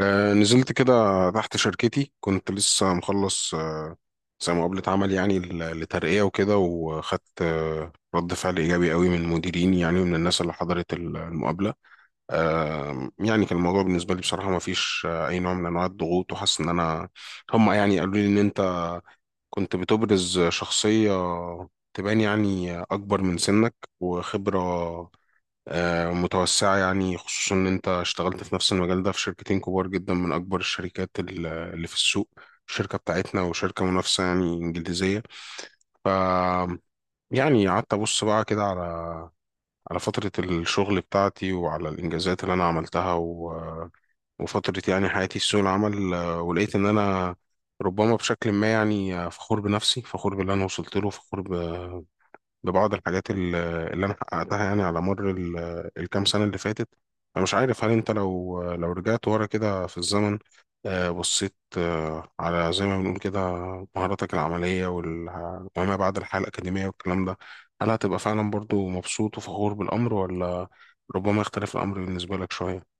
نزلت كده تحت شركتي كنت لسه مخلص زي مقابلة عمل يعني لترقية وكده وخدت رد فعل إيجابي قوي من مديريني يعني ومن الناس اللي حضرت المقابلة. يعني كان الموضوع بالنسبة لي بصراحة ما فيش أي نوع من أنواع الضغوط وحاسس إن أنا هم يعني قالوا لي إن أنت كنت بتبرز شخصية تبان يعني أكبر من سنك وخبرة متوسعة يعني خصوصا إن أنت اشتغلت في نفس المجال ده في شركتين كبار جدا من أكبر الشركات اللي في السوق، الشركة بتاعتنا وشركة منافسة يعني إنجليزية. ف يعني قعدت أبص بقى كده على فترة الشغل بتاعتي وعلى الإنجازات اللي أنا عملتها وفترة يعني حياتي في سوق العمل، ولقيت إن أنا ربما بشكل ما يعني فخور بنفسي، فخور باللي أنا وصلت له، فخور ببعض الحاجات اللي انا حققتها يعني على مر الكام سنه اللي فاتت. انا مش عارف هل انت لو رجعت ورا كده في الزمن، بصيت على، زي ما بنقول كده، مهاراتك العمليه وما بعد الحياه الاكاديميه والكلام ده، هل هتبقى فعلا برضو مبسوط وفخور بالامر؟ ولا ربما يختلف الامر بالنسبه لك شويه؟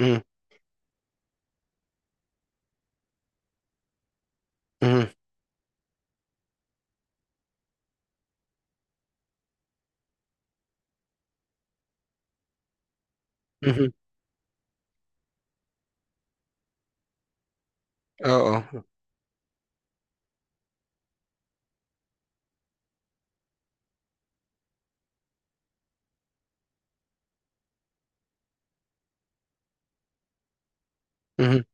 مم. مم. مم. اه اه. مم.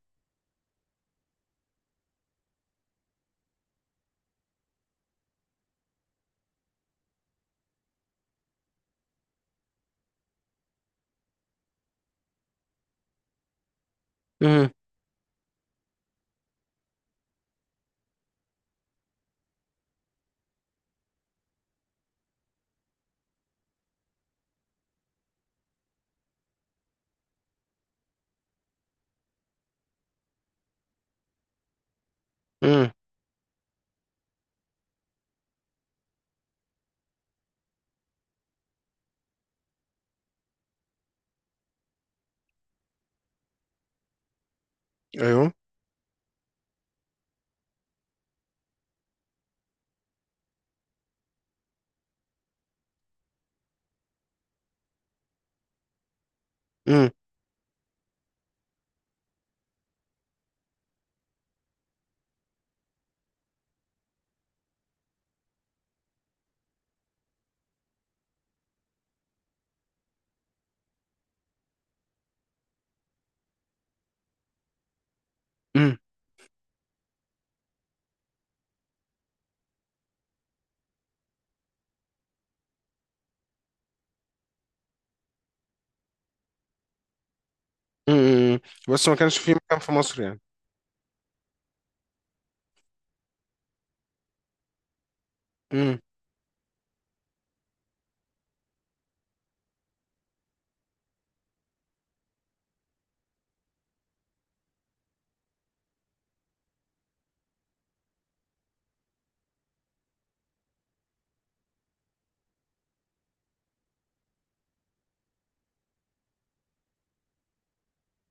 مم. مم. ايوه. مم. مم. مم. مم. بس ما كانش في مكان في مصر يعني؟ مم.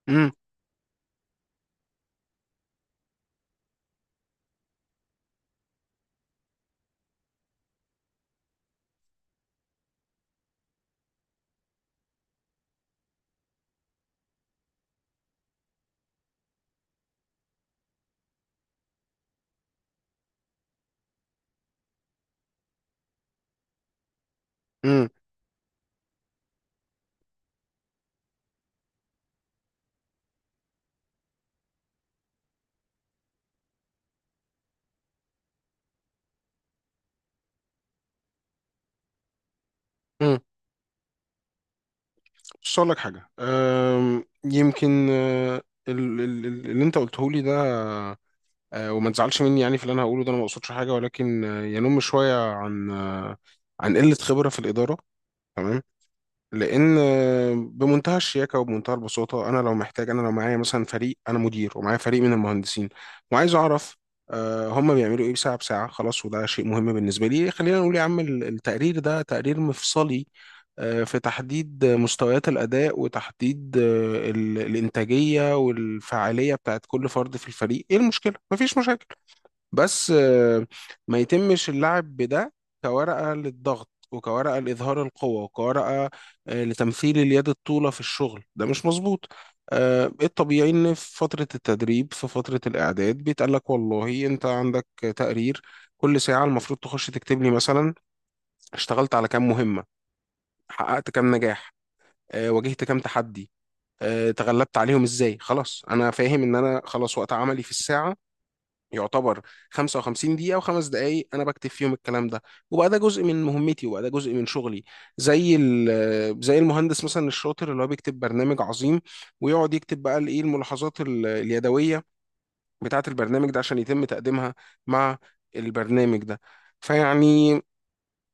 مم. مم. امم. بص اقول لك حاجه، يمكن اللي انت قلته لي ده، وما تزعلش مني يعني في اللي انا هقوله ده، انا ما اقصدش حاجه ولكن ينم شويه عن عن قله خبره في الاداره. تمام. لان بمنتهى الشياكه وبمنتهى البساطه، انا لو محتاج، انا لو معايا مثلا فريق، انا مدير ومعايا فريق من المهندسين وعايز اعرف هم بيعملوا ايه ساعه بساعه، خلاص، وده شيء مهم بالنسبه لي، خلينا نقول يا عم التقرير ده تقرير مفصلي في تحديد مستويات الاداء وتحديد الانتاجيه والفعاليه بتاعت كل فرد في الفريق، ايه المشكله؟ مفيش مشاكل. بس ما يتمش اللعب بده كورقة للضغط وكورقة لإظهار القوة وكورقة لتمثيل اليد الطولة في الشغل، ده مش مظبوط. الطبيعي إن في فترة التدريب، في فترة الإعداد، بيتقال لك والله أنت عندك تقرير كل ساعة المفروض تخش تكتب لي مثلا اشتغلت على كام مهمة، حققت كام نجاح، واجهت كام تحدي، تغلبت عليهم ازاي. خلاص انا فاهم ان انا خلاص وقت عملي في الساعة يعتبر 55 دقيقة وخمس دقايق أنا بكتب فيهم الكلام ده، وبقى ده جزء من مهمتي وبقى ده جزء من شغلي، زي زي المهندس مثلا الشاطر اللي هو بيكتب برنامج عظيم ويقعد يكتب بقى الإيه الملاحظات اليدوية بتاعة البرنامج ده عشان يتم تقديمها مع البرنامج ده. فيعني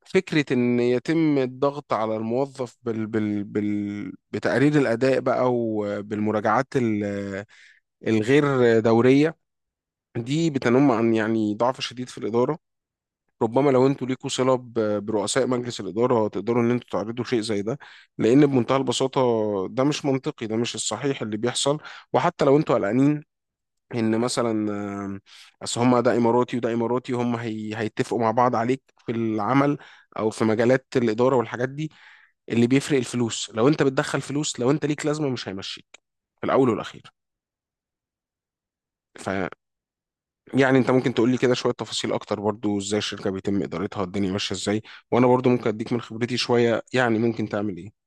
فكرة إن يتم الضغط على الموظف بال بال بال بتقرير الأداء بقى وبالمراجعات الغير دورية دي بتنم عن يعني ضعف شديد في الإدارة. ربما لو انتوا ليكوا صلة برؤساء مجلس الإدارة تقدروا ان انتوا تعرضوا شيء زي ده، لأن بمنتهى البساطة ده مش منطقي، ده مش الصحيح اللي بيحصل. وحتى لو انتوا قلقانين ان مثلا اصل هم ده اماراتي وده اماراتي هي هيتفقوا مع بعض عليك في العمل او في مجالات الإدارة والحاجات دي، اللي بيفرق الفلوس، لو انت بتدخل فلوس لو انت ليك لازمة مش هيمشيك في الأول والأخير. يعني انت ممكن تقول لي كده شوية تفاصيل اكتر برضو ازاي الشركة بيتم ادارتها، الدنيا ماشية ازاي، وانا برضو ممكن اديك من خبرتي شوية يعني ممكن تعمل ايه.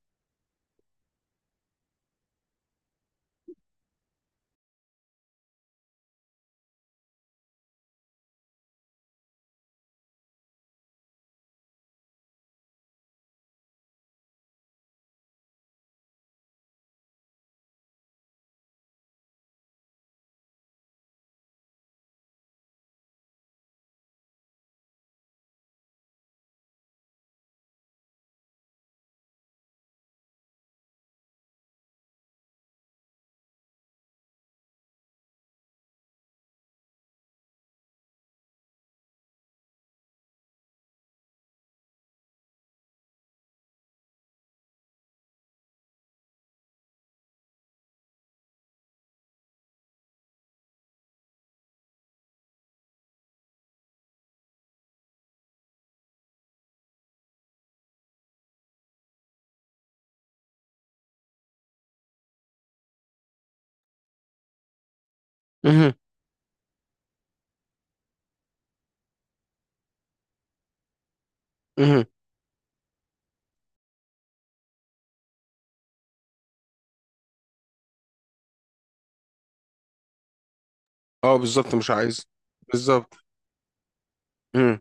مهم. مهم. اه بالظبط مش عايز. بالظبط. مم.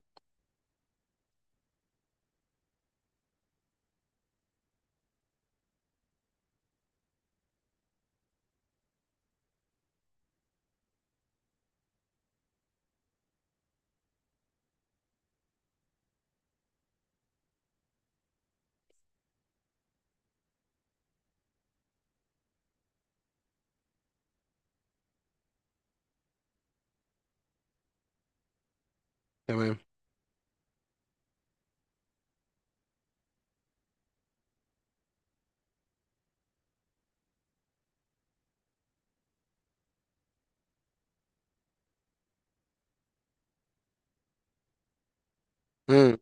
تمام. مم.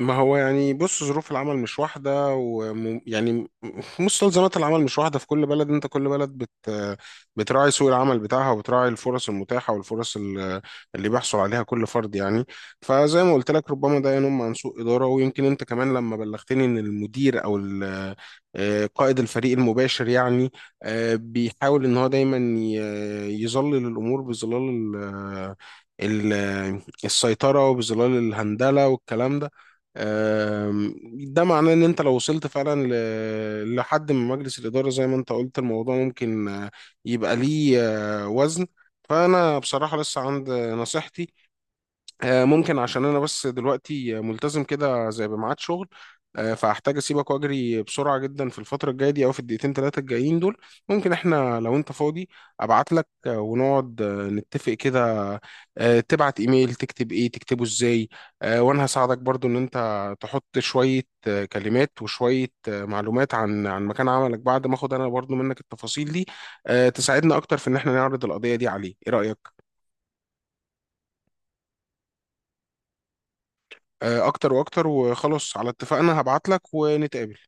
ما هو يعني بص ظروف العمل مش واحدة، ويعني مستلزمات العمل مش واحدة في كل بلد، انت كل بلد بتراعي سوق العمل بتاعها وبتراعي الفرص المتاحة والفرص اللي بيحصل عليها كل فرد يعني. فزي ما قلت لك ربما ده ينم عن سوء إدارة، ويمكن انت كمان لما بلغتني ان المدير او قائد الفريق المباشر يعني بيحاول ان هو دايما يظلل الامور بظلال ال- السيطرة وبظلال الهندلة والكلام ده، آم، ده معناه ان انت لو وصلت فعلا لحد من مجلس الاداره زي ما انت قلت، الموضوع ممكن يبقى ليه وزن. فانا بصراحه لسه عند نصيحتي. ممكن، عشان انا بس دلوقتي ملتزم كده زي بميعاد شغل، فهحتاج اسيبك واجري بسرعه جدا في الفتره الجايه دي او في الدقيقتين 3 الجايين دول، ممكن احنا لو انت فاضي ابعت لك ونقعد نتفق كده، تبعت ايميل تكتب ايه تكتبه ازاي، وانا هساعدك برضو ان انت تحط شويه كلمات وشويه معلومات عن مكان عملك بعد ما اخد انا برضو منك التفاصيل دي، تساعدنا اكتر في ان احنا نعرض القضيه دي عليه، ايه رايك؟ اكتر واكتر، وخلاص على اتفاقنا هبعت لك ونتقابل.